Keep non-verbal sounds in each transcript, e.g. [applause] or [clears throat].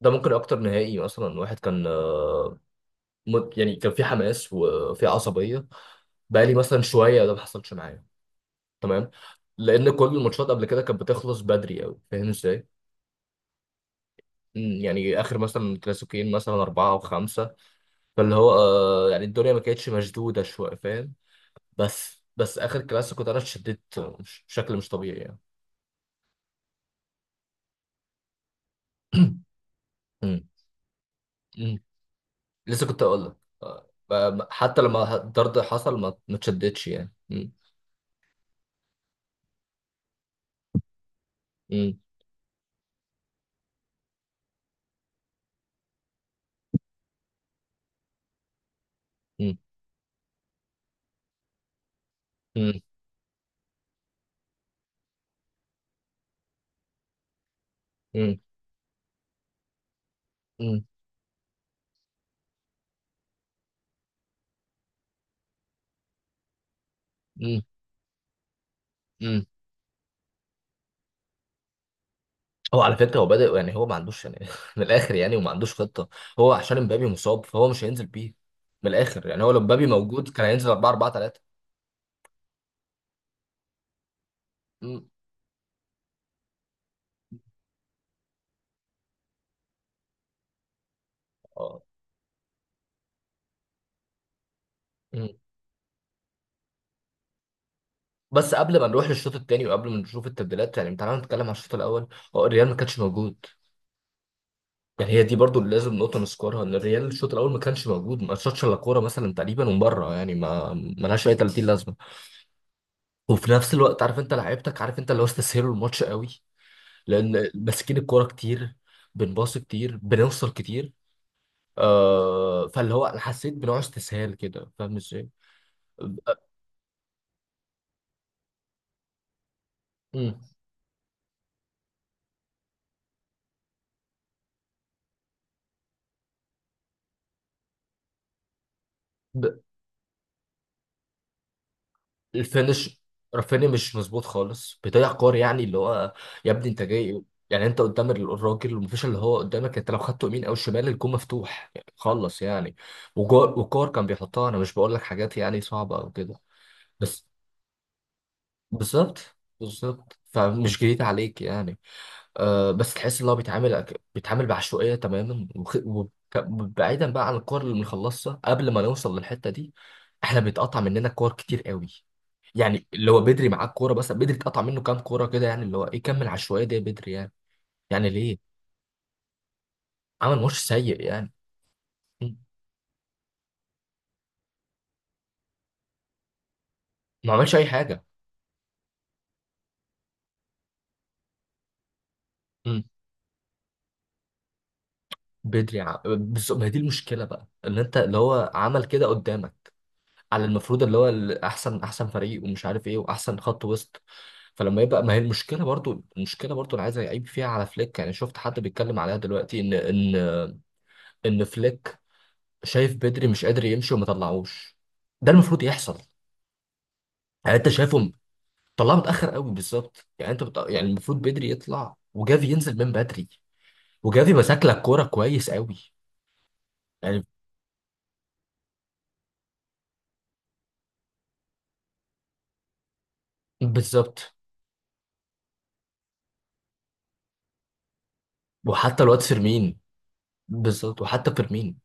ده ممكن اكتر نهائي مثلا واحد كان يعني كان في حماس وفي عصبيه. بقالي مثلا شويه، ده ما حصلش معايا. تمام. لان كل الماتشات قبل كده كانت بتخلص بدري قوي. فاهم ازاي؟ يعني اخر مثلا كلاسيكيين، مثلا 4 او 5. فاللي هو يعني الدنيا ما كانتش مشدوده شويه. فاهم؟ بس اخر كلاسيكو ده انا اتشددت بشكل مش طبيعي يعني. [clears throat] مم، مم. لسه كنت اقول لك. حتى لما الطرد حصل ما اتشددتش يعني. مم، مم، مم. مم. امم. امم. امم. امم. هو على فكره هو بادئ، يعني هو ما عندوش يعني [laughs] من الاخر يعني، وما عندوش خطه. هو عشان امبابي مصاب فهو مش هينزل بيه. من الاخر يعني هو لو امبابي موجود كان هينزل 4 4 3. امم. اه. امم. بس قبل ما نروح للشوط الثاني وقبل ما نشوف التبديلات يعني، تعالى نتكلم على الشوط الاول. هو الريال ما كانش موجود. يعني هي دي برضو اللي لازم نقطه نذكرها، ان الريال الشوط الاول ما كانش موجود، ما شاطش الا كوره مثلا تقريبا ومن بره، يعني ما لهاش اي 30 لازمه. وفي نفس الوقت عارف انت لعيبتك، عارف انت اللي هو استسهلوا الماتش قوي. لان ماسكين الكوره كتير، بنباص كتير، بنوصل كتير. فاللي هو انا حسيت بنوع استسهال كده. فاهم ازاي؟ مم. ب- الفينش. رافينيا مش مظبوط خالص، بيضيع كور يعني اللي هو. يا ابني انت جاي. يعني انت قدام الراجل ومفيش اللي هو قدامك، انت لو خدته يمين او شمال الجون مفتوح يعني، خلص يعني. وكور كان بيحطها، انا مش بقول لك حاجات يعني صعبه او كده. بس. بالظبط، بالظبط، فمش جديد عليك يعني. بس تحس ان هو بيتعامل بيتعامل بعشوائيه تماما. بعيدا بقى عن الكور اللي بنخلصها قبل ما نوصل للحته دي، احنا بيتقطع مننا كور كتير قوي. يعني اللي هو بدري معاه الكوره، بس بدري اتقطع منه كام كوره كده، يعني اللي هو ايه؟ كمل عشوائيه دي يا بدري يعني. يعني ليه؟ عمل ماتش سيء يعني. مم. ما عملش اي حاجه. مم. بس ما هي دي المشكله بقى، ان انت اللي هو عمل كده قدامك. على المفروض اللي هو احسن احسن فريق ومش عارف ايه واحسن خط وسط. فلما يبقى، ما هي المشكله برضو، المشكله برضو انا عايز اعيب فيها على فليك. يعني شفت حد بيتكلم عليها دلوقتي، ان ان فليك شايف بدري مش قادر يمشي وما طلعوش. ده المفروض يحصل. يعني انت شايفه طلعه متاخر قوي بالظبط. يعني انت يعني المفروض بدري يطلع وجافي ينزل من بدري. وجافي ماسك لك كوره كويس قوي يعني. بالظبط. وحتى الواد فيرمين، بالظبط وحتى فيرمين.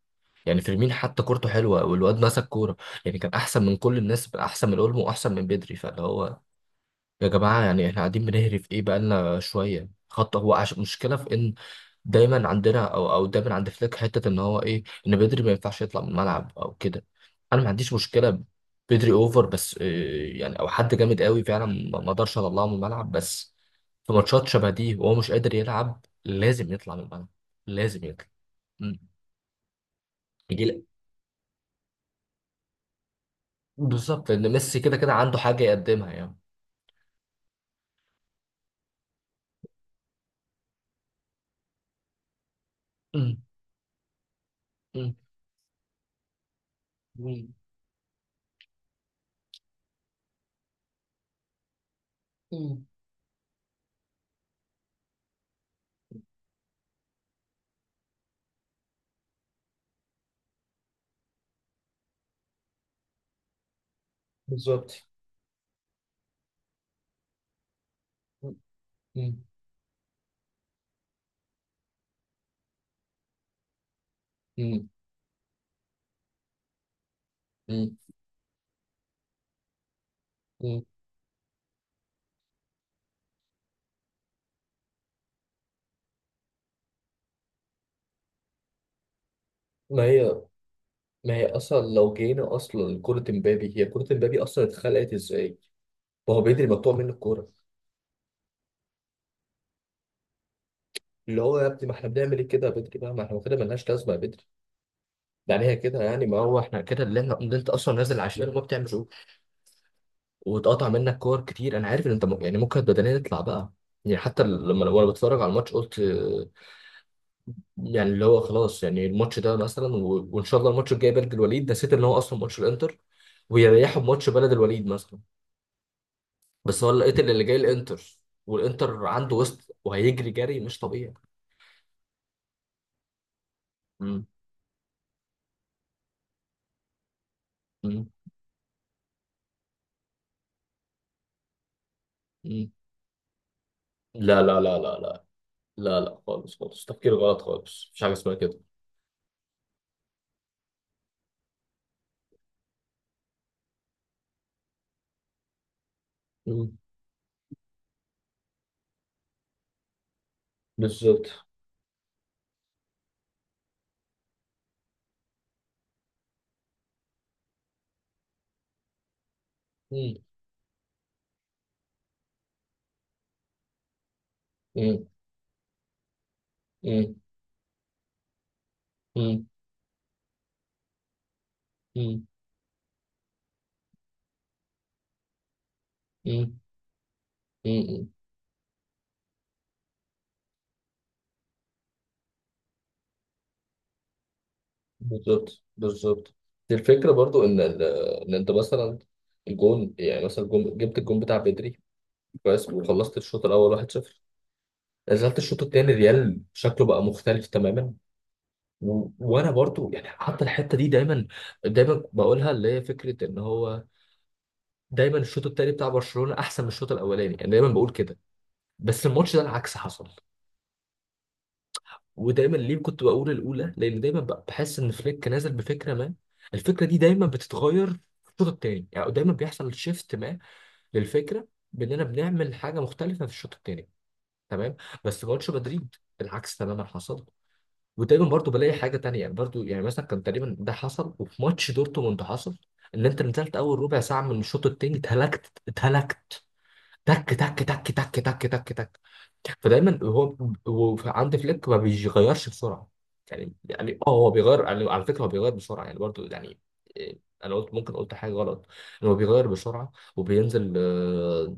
يعني فيرمين حتى كورته حلوه والواد مسك كوره. يعني كان احسن من كل الناس، احسن من اولمو واحسن من بدري فاللي هو. يا جماعة، يعني احنا قاعدين بنهري في ايه بقالنا شوية خط. هو مشكلة في ان دايما عندنا او دايما عند فليك حتة، ان هو ايه، ان بدري ما ينفعش يطلع من الملعب او كده. انا ما عنديش مشكلة بدري اوفر، بس إيه يعني، او حد جامد قوي فعلا ما اقدرش اطلعه من الملعب. بس في ماتشات شبه دي وهو مش قادر يلعب لازم يطلع من الملعب. لازم يطلع. مم. يجي لأ. بالظبط، لان ميسي كده كده عنده حاجة يقدمها يعني. مم. مم. مم. مم. بالظبط. مم. مم. مم. مم. ما هي ما هي اصلا لو جينا اصلا لكرة امبابي، هي كرة امبابي اصلا اتخلقت ازاي؟ ما هو بدري مقطوع منه الكورة. اللي هو يا ابني، ما احنا بنعمل ايه كده يا بدري بقى؟ ما احنا كده ملناش لازمة يا بدري. يعني هي كده يعني، ما هو احنا كده، اللي انت اصلا نازل عشان ما بتعملش إيه؟ واتقطع منك كور كتير، انا عارف ان انت يعني ممكن بدنيا تطلع بقى. يعني حتى لما وانا بتفرج على الماتش قلت. يعني اللي هو خلاص يعني الماتش ده مثلا وان شاء الله الماتش الجاي بلد الوليد، نسيت ان هو اصلا ماتش الانتر، ويريحوا بماتش بلد الوليد مثلا. بس هو لقيت ان اللي جاي الانتر، والانتر عنده وسط وهيجري جري مش طبيعي. مم. مم. مم. لا، لا، لا، لا، لا. لا، لا خالص خالص، تفكير غلط خالص، مفيش حاجه اسمها كده. مم. بالظبط. مم. مم. مم. مم. مم. مم. مم. بالظبط، بالظبط. دي الفكره برضو ان انت مثلا الجون، يعني مثلا الجون، جبت الجون بتاع بدري كويس وخلصت الشوط الاول 1-0. نزلت الشوط الثاني، ريال شكله بقى مختلف تماما. وانا برضو يعني حتى الحته دي دايما، دايما بقولها، اللي هي فكره ان هو دايما الشوط الثاني بتاع برشلونه احسن من الشوط الاولاني يعني، دايما بقول كده. بس الماتش ده العكس حصل. ودايما ليه كنت بقول الاولى، لان دايما بحس ان فليك نازل بفكره ما. الفكره دي دايما بتتغير في الشوط الثاني، يعني دايما بيحصل شيفت ما للفكره باننا بنعمل حاجه مختلفه في الشوط الثاني. تمام. بس ماتش مدريد العكس تماما حصل. وتقريبا برضو بلاقي حاجه تانية، يعني برضو يعني مثلا كان تقريبا ده حصل وفي ماتش دورتموند حصل، ان انت نزلت اول ربع ساعه من الشوط التاني، اتهلكت اتهلكت. تك تك تك تك تك. تك. تك. فدايما هو عند فليك ما بيغيرش بسرعه. يعني اه، هو بيغير يعني، على فكره هو بيغير بسرعه يعني برضو يعني. إيه، انا قلت، ممكن قلت حاجه غلط، ان هو بيغير بسرعه وبينزل.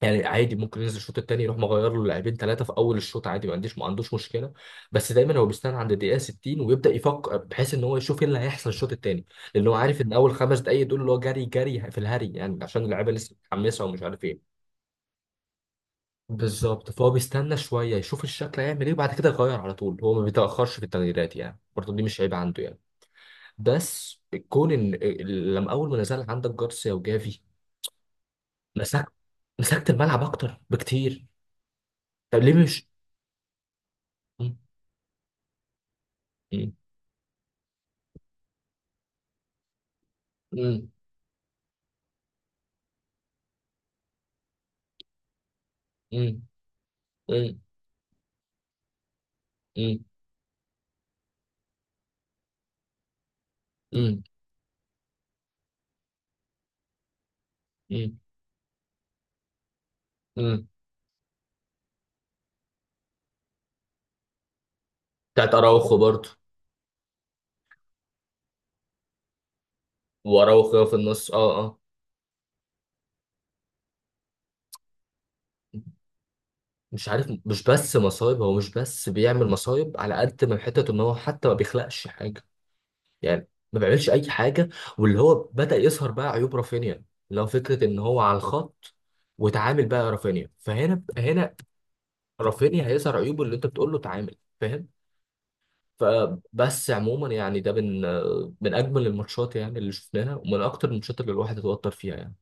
يعني عادي ممكن ينزل الشوط التاني يروح مغير له لاعبين 3 في اول الشوط عادي، ما عندوش مشكله. بس دايما هو بيستنى عند الدقيقه 60 ويبدا يفكر، بحيث ان هو يشوف ايه اللي هيحصل الشوط التاني. لان هو عارف ان اول 5 دقائق دول اللي هو جري جري في الهري يعني، عشان اللعيبه لسه متحمسه ومش عارف ايه. بالظبط. فهو بيستنى شويه يشوف الشكل هيعمل ايه، وبعد كده يغير على طول. هو ما بيتاخرش في التغييرات يعني، برضه دي مش عيب عنده يعني. بس كون ان لما اول ما نزل عندك جارسيا وجافي، مسكت مسكت الملعب اكتر بكتير. طب ليه مش؟ مم. مم. مم. مم. مم. مم. مم. مم. بتاعت اراوخو برضو. واراوخو في النص، اه اه. مش عارف، مش بس مصايب، هو مش بس بيعمل مصايب على قد ما حته ان هو حتى ما بيخلقش حاجه. يعني ما بيعملش اي حاجه. واللي هو بدأ يظهر بقى عيوب رافينيا، اللي هو فكره ان هو على الخط. وتعامل بقى رافينيا فهنا، هنا رافينيا هيظهر عيوبه اللي انت بتقول له تعامل. فاهم؟ فبس عموما يعني ده من من اجمل الماتشات يعني اللي شفناها، ومن اكتر الماتشات اللي الواحد اتوتر فيها يعني.